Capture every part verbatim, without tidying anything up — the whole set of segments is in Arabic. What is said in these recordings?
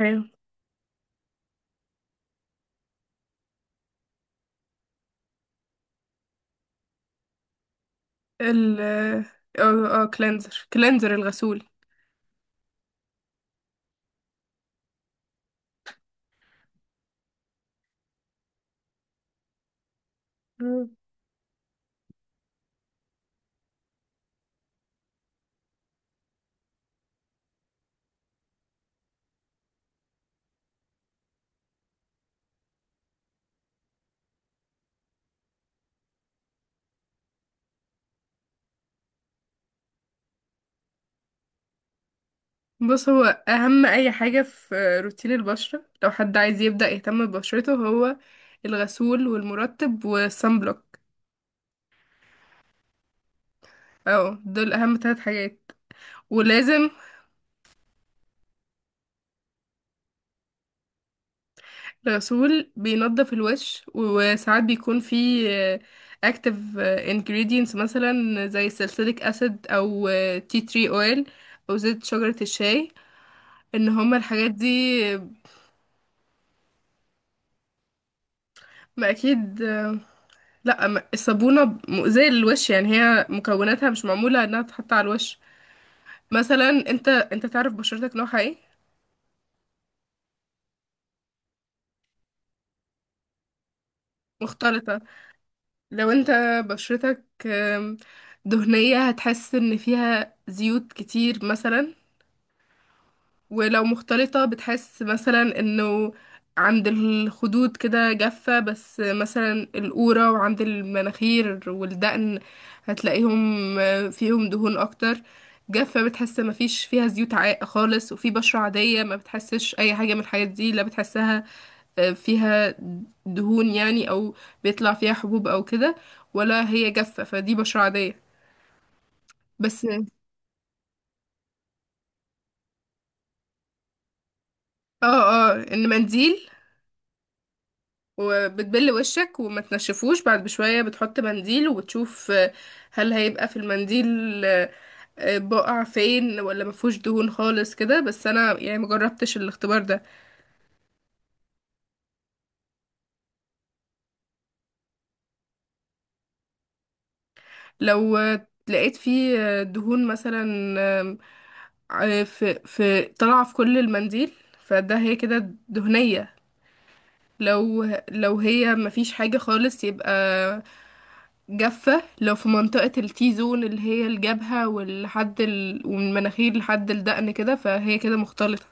ايوه. ال اه اه كلينزر كلينزر الغسول. مم. بص، هو اهم اي حاجة في روتين البشرة لو حد عايز يبدأ يهتم ببشرته، هو الغسول والمرطب والصن بلوك. اه، دول اهم ثلاث حاجات ولازم. الغسول بينضف الوش، وساعات بيكون فيه اكتف ingredients مثلا زي سلسليك اسيد او تي تري اويل او زيت شجرة الشاي، ان هما الحاجات دي. ما اكيد. لا، أما الصابونة مؤذية للوش يعني، هي مكوناتها مش معمولة انها تتحط على الوش. مثلا، انت انت تعرف بشرتك نوعها ايه؟ مختلطة. لو انت بشرتك آم، دهنية، هتحس ان فيها زيوت كتير مثلا. ولو مختلطة بتحس مثلا انه عند الخدود كده جافة، بس مثلا القورة وعند المناخير والدقن هتلاقيهم آه، فيهم دهون اكتر. جافة، بتحس مفيش فيها زيوت عاق خالص. وفي بشرة عادية ما بتحسش اي حاجة من الحاجات دي، لا بتحسها آه، فيها دهون يعني، او بيطلع فيها حبوب او كده، ولا هي جافة. فدي بشرة عادية. بس، اه اه ان منديل، وبتبل وشك وما تنشفوش، بعد بشوية بتحط منديل وبتشوف آه، هل هيبقى في المنديل آه، آه، بقع فين ولا مفهوش دهون خالص كده. بس انا يعني مجربتش الاختبار ده. لو آه، لقيت فيه آه، دهون مثلا، آم، آه، في في طالعة في كل المنديل، فده هي كده دهنية. لو لو هي مفيش حاجة خالص يبقى جافة. لو في منطقة التي زون اللي هي الجبهة والحد ال... ومن المناخير لحد الدقن كده، فهي كده مختلطة.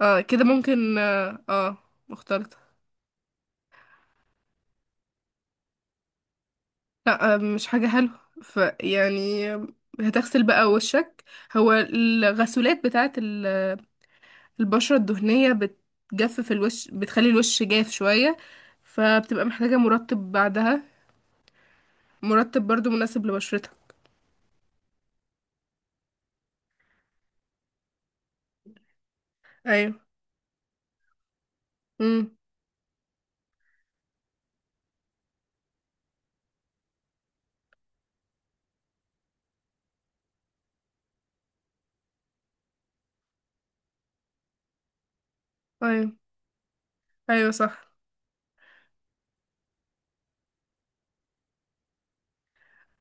اه كده ممكن، اه, آه. مختلطة. لا، آه مش حاجة حلوة. ف يعني هتغسل بقى وشك. هو الغسولات بتاعت ال- البشرة الدهنية بتجفف الوش، بتخلي الوش جاف شوية، فبتبقى محتاجة مرطب بعدها، مرطب برضو مناسب لبشرتك. ايوه. امم. ايوه. ايوه صح.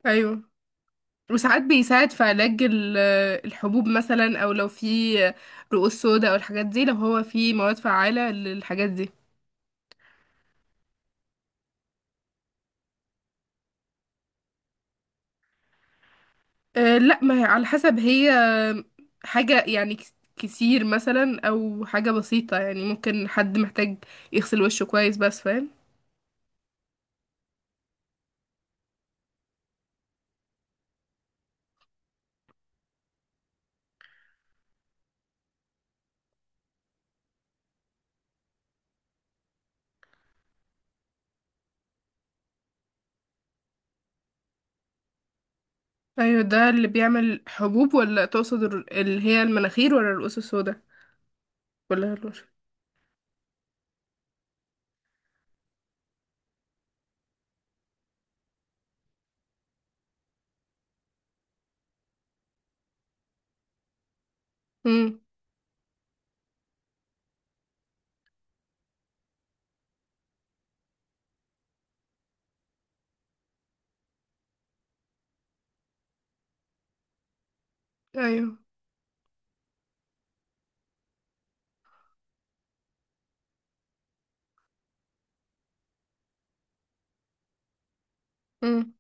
ايوه، وساعات بيساعد في علاج ال- الحبوب مثلا، او لو في رؤوس سودا او الحاجات دي، لو هو في مواد فعالة للحاجات دي. أه لا، ما هي على حسب. هي حاجة يعني كس- كتير مثلا، او حاجة بسيطة يعني. ممكن حد محتاج يغسل وشه كويس بس، فاهم. ايوه ده اللي بيعمل حبوب، ولا تقصد الر- اللي هي المناخير، ولا الرؤوس السودا ولا الوش. امم. ايوه. امم.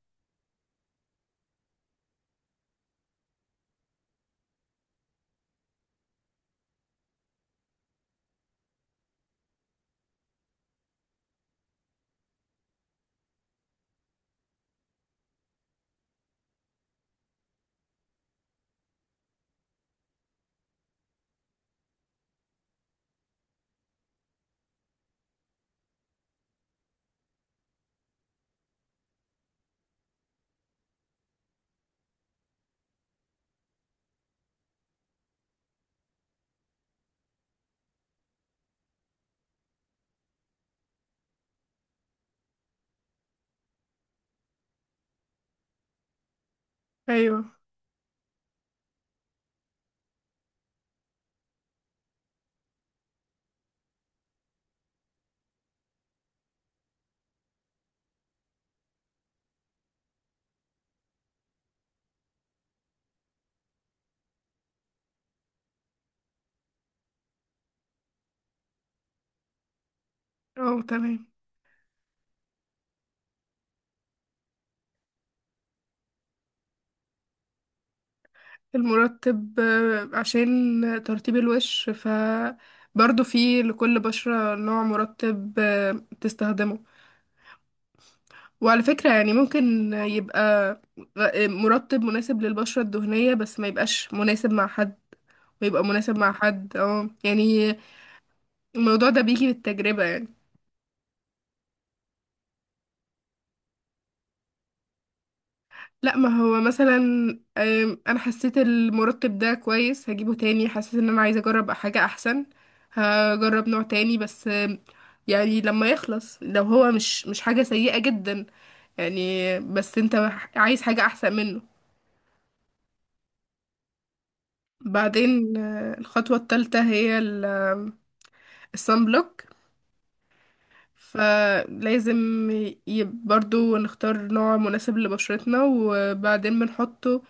ايوه. اه، تمام. المرطب آه، عشان ترطيب الوش، ف برضه في لكل بشرة نوع مرطب آه، تستخدمه. وعلى فكرة يعني، ممكن يبقى غ- مرطب مناسب للبشرة الدهنية بس ما يبقاش مناسب مع حد، ويبقى مناسب مع حد. اه يعني الموضوع ده بيجي بالتجربة يعني. لا، ما هو مثلا أم، انا حسيت المرطب ده كويس، هجيبه تاني. حسيت ان انا عايزه اجرب حاجه احسن، هجرب نوع تاني. بس أم، يعني لما يخلص لو هو مش مش حاجه سيئه جدا يعني، بس انت عايز حاجه احسن منه. بعدين آه، الخطوه الثالثه هي الصن بلوك، فلازم ي- برضو نختار نوع مناسب لبشرتنا، وبعدين بنحطه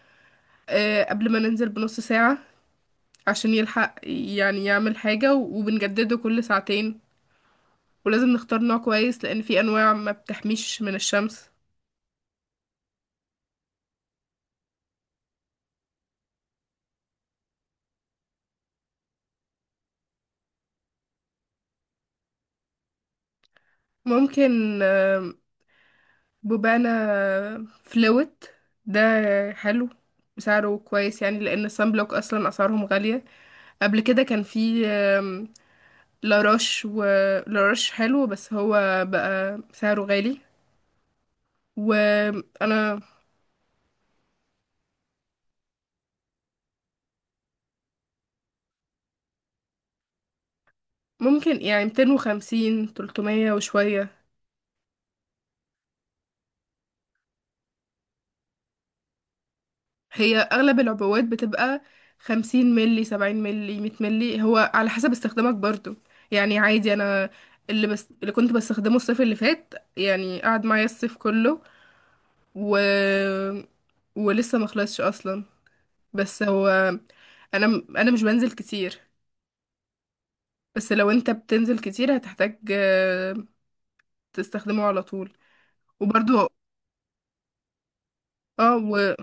آه، قبل ما ننزل بنص ساعة عشان يلحق يعني يعمل حاجة، و- وبنجدده كل ساعتين. ولازم نختار نوع كويس، لأن في أنواع ما بتحميش من الشمس. ممكن آم، بوبانا فلوت ده حلو، سعره كويس يعني، لأن الصن بلوك أصلا أسعارهم غالية. قبل كده كان في آم، لاروش، و لاروش حلو بس هو بقى سعره غالي. وأنا، ممكن يعني ميتين وخمسين، ثلاثمية وشوية. هي اغلب العبوات بتبقى خمسين ملي، سبعين ملي، مية ملي. هو على حسب استخدامك برضو يعني. عادي، انا اللي بس اللي كنت بستخدمه الصيف اللي فات يعني قعد معايا الصيف كله، و ولسه ما خلصش اصلا. بس هو، انا انا مش بنزل كتير، بس لو انت بتنزل كتير هتحتاج آه، تستخدمه على طول. وبرضو اه و...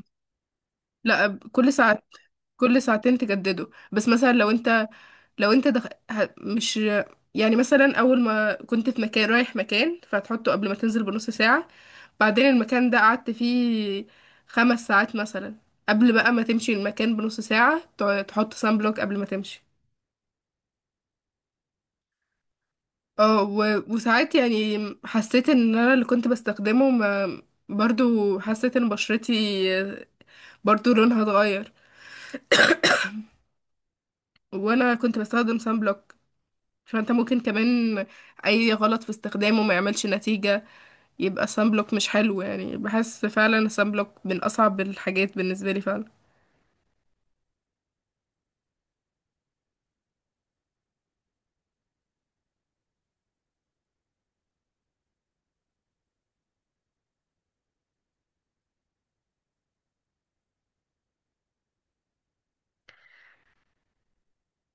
لا، كل ساعة، كل ساعتين تجدده. بس مثلا، لو انت لو انت دخ... ه... مش يعني، مثلا اول ما كنت في مكان رايح مكان، فهتحطه قبل ما تنزل بنص ساعة. بعدين المكان ده قعدت فيه خمس ساعات مثلا، قبل بقى ما تمشي المكان بنص ساعة تع- تحط سان بلوك قبل ما تمشي. اه، و... وساعات يعني حسيت ان انا اللي كنت بستخدمه ما... برضو حسيت ان بشرتي، برضو لونها اتغير وانا كنت بستخدم سان بلوك. فانت ممكن كمان اي غلط في استخدامه ما يعملش نتيجة، يبقى سان بلوك مش حلو. يعني بحس فعلا سان بلوك من اصعب الحاجات بالنسبه لي فعلا.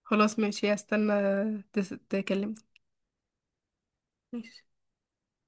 خلاص ماشي، هستنى تس- تكلمني. ماشي.